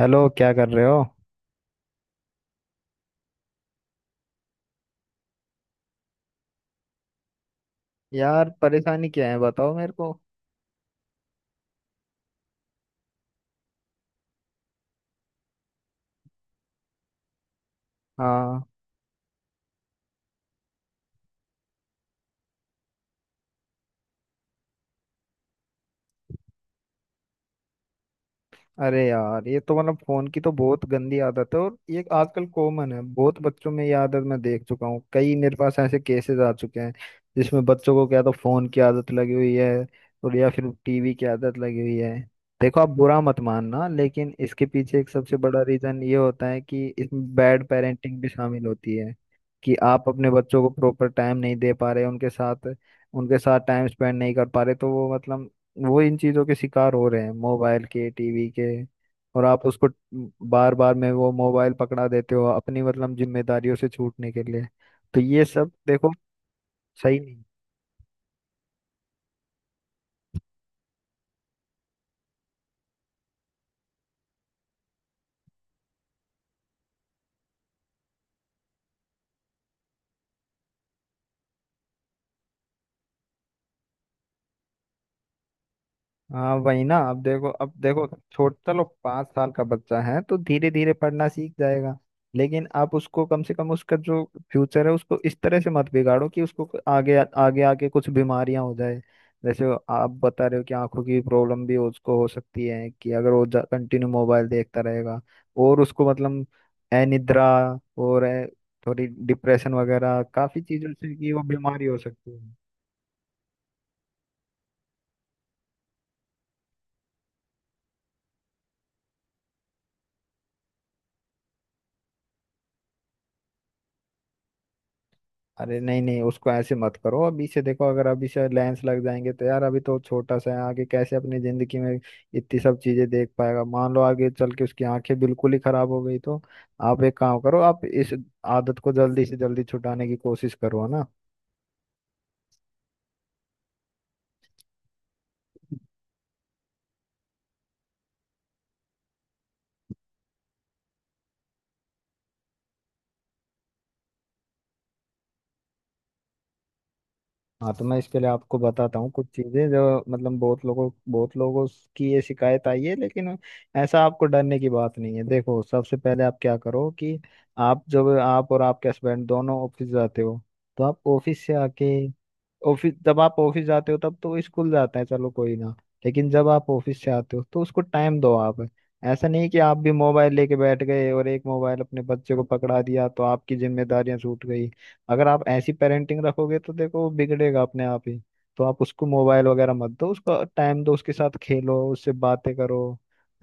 Hello, क्या कर रहे हो। यार, परेशानी क्या है बताओ मेरे को। हाँ। अरे यार, ये तो मतलब फोन की तो बहुत गंदी आदत है, और ये आजकल कॉमन है बहुत बच्चों में। ये आदत मैं देख चुका हूँ, कई मेरे पास ऐसे केसेस आ चुके हैं जिसमें बच्चों को क्या तो फोन की आदत लगी हुई है और या फिर टीवी की आदत लगी हुई है। देखो, आप बुरा मत मानना, लेकिन इसके पीछे एक सबसे बड़ा रीजन ये होता है कि इसमें बैड पेरेंटिंग भी शामिल होती है, कि आप अपने बच्चों को प्रॉपर टाइम नहीं दे पा रहे उनके साथ। उनके साथ टाइम स्पेंड नहीं कर पा रहे, तो वो मतलब वो इन चीजों के शिकार हो रहे हैं, मोबाइल के, टीवी के। और आप उसको बार बार में वो मोबाइल पकड़ा देते हो अपनी मतलब जिम्मेदारियों से छूटने के लिए। तो ये सब देखो। सही नहीं। हाँ वही ना, अब देखो, अब देखो, छोट चलो पाँच साल का बच्चा है तो धीरे धीरे पढ़ना सीख जाएगा। लेकिन आप उसको कम से कम उसका जो फ्यूचर है उसको इस तरह से मत बिगाड़ो कि आगे आगे आके कुछ बीमारियां हो जाए। जैसे आप बता रहे हो कि आंखों की प्रॉब्लम भी उसको हो सकती है, कि अगर वो कंटिन्यू मोबाइल देखता रहेगा। और उसको मतलब अनिद्रा और थोड़ी डिप्रेशन वगैरह, काफी चीजों से कि वो बीमारी हो सकती है। अरे नहीं नहीं, उसको ऐसे मत करो। अभी से देखो, अगर अभी से लेंस लग जाएंगे तो यार, अभी तो छोटा सा है, आगे कैसे अपनी जिंदगी में इतनी सब चीजें देख पाएगा। मान लो आगे चल के उसकी आंखें बिल्कुल ही खराब हो गई तो? आप एक काम करो, आप इस आदत को जल्दी से जल्दी छुटाने की कोशिश करो, है ना। हाँ, तो मैं इसके लिए आपको बताता हूँ कुछ चीज़ें, जो मतलब बहुत लोगों की ये शिकायत आई है, लेकिन ऐसा आपको डरने की बात नहीं है। देखो, सबसे पहले आप क्या करो कि आप जब आप और आपके हस्बैंड दोनों ऑफिस जाते हो, तो आप ऑफिस से आके, ऑफिस जब आप ऑफिस जाते हो तब तो स्कूल जाते हैं, चलो कोई ना। लेकिन जब आप ऑफिस से आते हो तो उसको टाइम दो आप। ऐसा नहीं कि आप भी मोबाइल लेके बैठ गए और एक मोबाइल अपने बच्चे को पकड़ा दिया तो आपकी जिम्मेदारियां छूट गई। अगर आप ऐसी पेरेंटिंग रखोगे तो देखो वो बिगड़ेगा अपने आप ही। तो आप उसको मोबाइल वगैरह मत दो, उसको टाइम दो, उसके साथ खेलो, उससे बातें करो,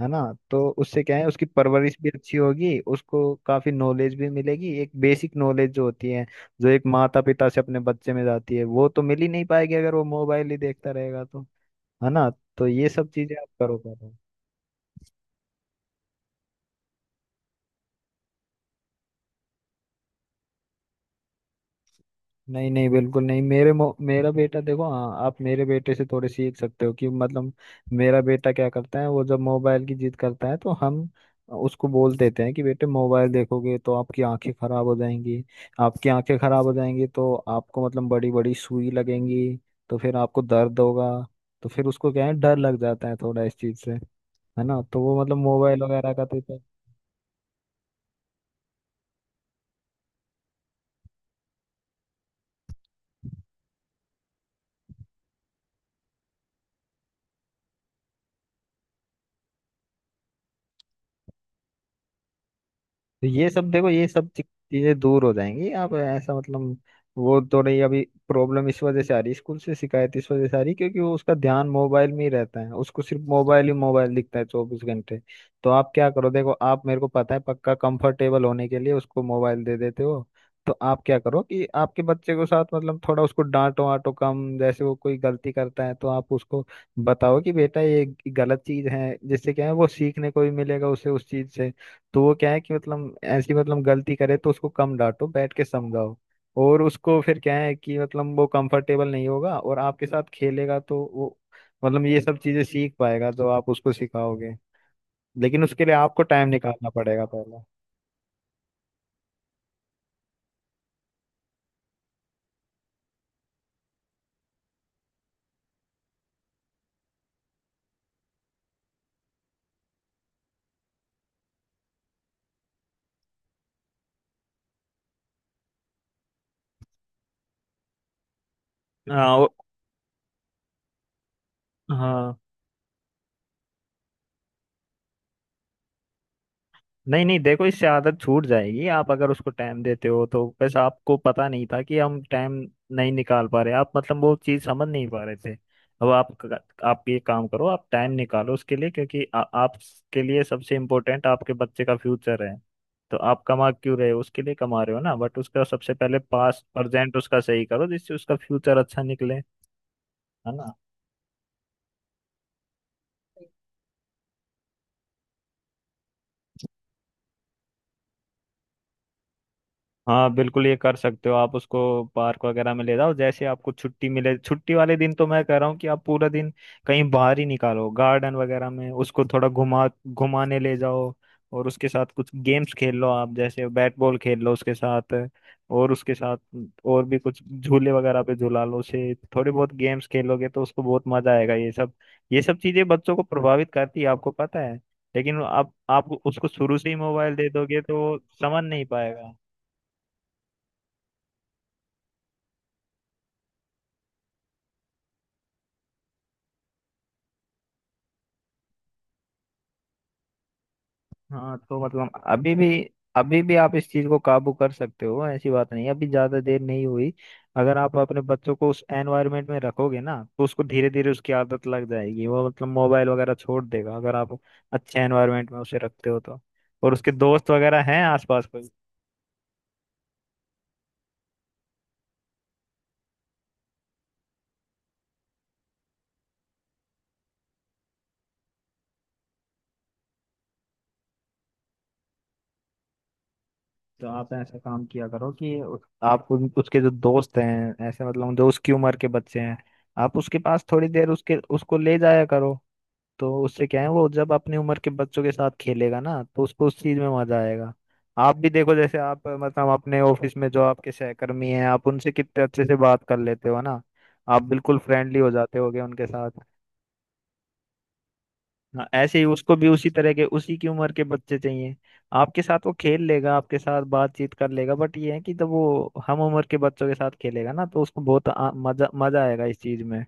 है ना। तो उससे क्या है, उसकी परवरिश भी अच्छी होगी, उसको काफी नॉलेज भी मिलेगी, एक बेसिक नॉलेज जो होती है, जो एक माता पिता से अपने बच्चे में जाती है, वो तो मिल ही नहीं पाएगी अगर वो मोबाइल ही देखता रहेगा तो। है ना। तो ये सब चीजें आप करो करो। नहीं नहीं, बिल्कुल नहीं। मेरा बेटा देखो, हाँ, आप मेरे बेटे से थोड़े सीख सकते हो कि मतलब मेरा बेटा क्या करता है, वो जब मोबाइल की जिद करता है तो हम उसको बोल देते हैं कि बेटे, मोबाइल देखोगे तो आपकी आंखें खराब हो जाएंगी। आपकी आंखें खराब हो जाएंगी तो आपको मतलब बड़ी बड़ी सुई लगेंगी, तो फिर आपको दर्द होगा। तो फिर उसको क्या है, डर लग जाता है थोड़ा इस चीज से, है ना। तो वो मतलब मोबाइल वगैरह का तो। तो ये सब देखो, चीजें दूर हो जाएंगी। आप ऐसा मतलब वो तो रही अभी प्रॉब्लम। इस वजह से आ रही, स्कूल से शिकायत इस वजह से आ रही क्योंकि वो उसका ध्यान मोबाइल में ही रहता है, उसको सिर्फ मोबाइल ही मोबाइल दिखता है चौबीस घंटे। तो आप क्या करो, देखो आप, मेरे को पता है पक्का, कंफर्टेबल होने के लिए उसको मोबाइल दे देते हो। तो आप क्या करो कि आपके बच्चे को साथ, मतलब थोड़ा उसको डांटो वाटो कम। जैसे वो कोई गलती करता है तो आप उसको बताओ कि बेटा ये गलत चीज है, जिससे क्या है वो सीखने को भी मिलेगा उसे उस चीज से। तो वो क्या है कि मतलब ऐसी मतलब गलती करे तो उसको कम डांटो, बैठ के समझाओ। और उसको फिर क्या है कि मतलब वो कंफर्टेबल नहीं होगा, और आपके साथ खेलेगा तो वो मतलब ये सब चीजें सीख पाएगा जो आप उसको सिखाओगे। लेकिन उसके लिए आपको टाइम निकालना पड़ेगा पहले। हाँ वो- हाँ। नहीं नहीं देखो, इससे आदत छूट जाएगी, आप अगर उसको टाइम देते हो तो। बस आपको पता नहीं था कि हम टाइम नहीं निकाल पा रहे, आप मतलब वो चीज़ समझ नहीं पा रहे थे। अब आप ये काम करो, आप टाइम निकालो उसके लिए, क्योंकि आपके लिए सबसे इम्पोर्टेंट आपके बच्चे का फ्यूचर है। तो आप कमा क्यों रहे हो, उसके लिए कमा रहे हो ना, बट उसका सबसे पहले पास प्रेजेंट उसका सही करो जिससे उसका फ्यूचर अच्छा निकले। है ना। हाँ बिल्कुल, ये कर सकते हो आप, उसको पार्क वगैरह में ले जाओ। जैसे आपको छुट्टी मिले, छुट्टी वाले दिन तो मैं कह रहा हूँ कि आप पूरा दिन कहीं बाहर ही निकालो, गार्डन वगैरह में उसको थोड़ा घुमाने ले जाओ। और उसके साथ कुछ गेम्स खेल लो आप, जैसे बैट बॉल खेल लो उसके साथ। और उसके साथ और भी कुछ झूले वगैरह पे झूला लो उसे, थोड़े बहुत गेम्स खेलोगे तो उसको बहुत मजा आएगा। ये सब, ये सब चीजें बच्चों को प्रभावित करती है, आपको पता है। लेकिन आप उसको शुरू से ही मोबाइल दे दोगे तो वो समझ नहीं पाएगा। हाँ तो मतलब अभी भी, अभी भी आप इस चीज को काबू कर सकते हो, ऐसी बात नहीं है अभी ज्यादा देर नहीं हुई। अगर आप अपने बच्चों को उस एनवायरनमेंट में रखोगे ना, तो उसको धीरे धीरे उसकी आदत लग जाएगी, वो मतलब मोबाइल वगैरह छोड़ देगा, अगर आप अच्छे एनवायरनमेंट में उसे रखते हो तो। और उसके दोस्त वगैरह हैं आसपास कोई? तो आप ऐसा काम किया करो कि उसके जो दोस्त हैं, ऐसे मतलब जो उसकी उम्र के बच्चे हैं, आप उसके पास थोड़ी देर उसके उसको ले जाया करो। तो उससे क्या है, वो जब अपनी उम्र के बच्चों के साथ खेलेगा ना, तो उसको उस चीज में मजा आएगा। आप भी देखो, जैसे आप मतलब अपने ऑफिस में जो आपके सहकर्मी हैं आप उनसे कितने अच्छे से बात कर लेते हो ना। आप बिल्कुल फ्रेंडली हो जाते होगे उनके साथ। हाँ, ऐसे ही उसको भी उसी तरह के, उसी की उम्र के बच्चे चाहिए। आपके साथ वो खेल लेगा, आपके साथ बातचीत कर लेगा, बट ये है कि जब वो हम उम्र के बच्चों के साथ खेलेगा ना, तो उसको बहुत मजा मजा आएगा इस चीज में।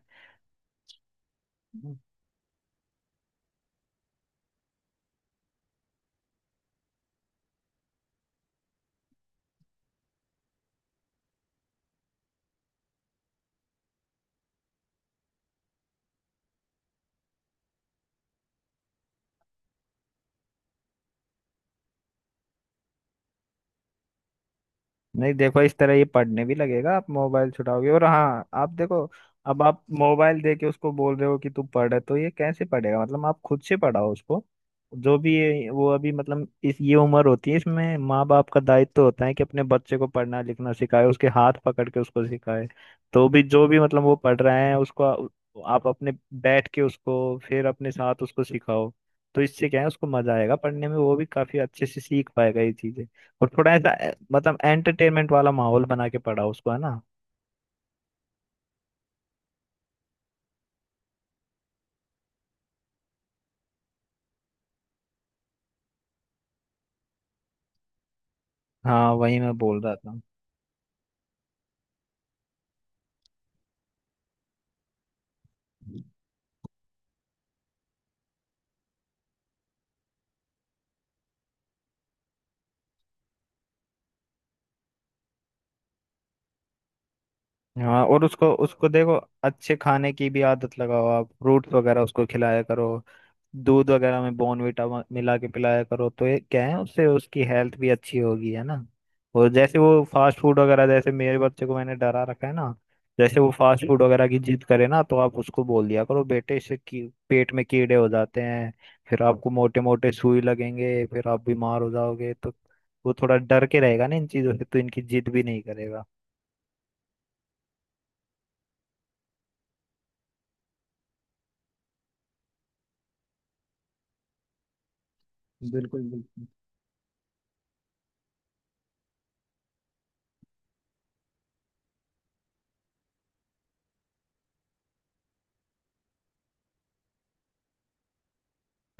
नहीं देखो, इस तरह ये पढ़ने भी लगेगा, आप मोबाइल छुड़ाओगे और। हाँ आप देखो, अब आप मोबाइल दे के उसको बोल रहे हो कि तू पढ़, तो ये कैसे पढ़ेगा। मतलब आप खुद से पढ़ाओ उसको। जो भी वो अभी, मतलब इस ये उम्र होती है, इसमें माँ बाप का दायित्व होता है कि अपने बच्चे को पढ़ना लिखना सिखाए, उसके हाथ पकड़ के उसको सिखाए। तो भी जो भी मतलब वो पढ़ रहे हैं उसको आ- आप अपने बैठ के उसको फिर अपने साथ उसको सिखाओ। तो इससे क्या है, उसको मजा आएगा पढ़ने में, वो भी काफी अच्छे से सीख पाएगा ये चीजें। और थोड़ा ऐसा मतलब एंटरटेनमेंट वाला माहौल बना के पढ़ाओ उसको, है ना। हाँ वही मैं बोल रहा था। हाँ, और उसको उसको देखो अच्छे खाने की भी आदत लगाओ, आप फ्रूट्स वगैरह उसको खिलाया करो। दूध वगैरह में बॉर्नवीटा मिला के पिलाया करो, तो ये क्या है, उससे उसकी हेल्थ भी अच्छी होगी, है ना। और जैसे वो फास्ट फूड वगैरह, जैसे मेरे बच्चे को मैंने डरा रखा है ना, जैसे वो फास्ट फूड वगैरह की जिद करे ना तो आप उसको बोल दिया करो, बेटे इससे पेट में कीड़े हो जाते हैं। फिर आपको मोटे मोटे सुई लगेंगे, फिर आप बीमार हो जाओगे, तो वो थोड़ा डर के रहेगा ना इन चीजों से, तो इनकी जिद भी नहीं करेगा। बिल्कुल बिल्कुल।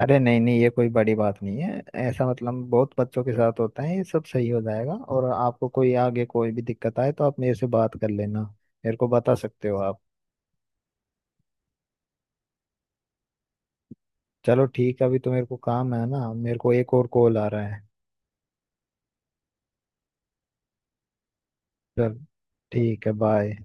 अरे नहीं नहीं, ये कोई बड़ी बात नहीं है, ऐसा मतलब बहुत बच्चों के साथ होता है। ये सब सही हो जाएगा, और आपको कोई आगे कोई भी दिक्कत आए तो आप मेरे से बात कर लेना, मेरे को बता सकते हो आप। चलो ठीक है, अभी तो मेरे को काम है ना, मेरे को एक और कॉल आ रहा है। चल, ठीक है, बाय।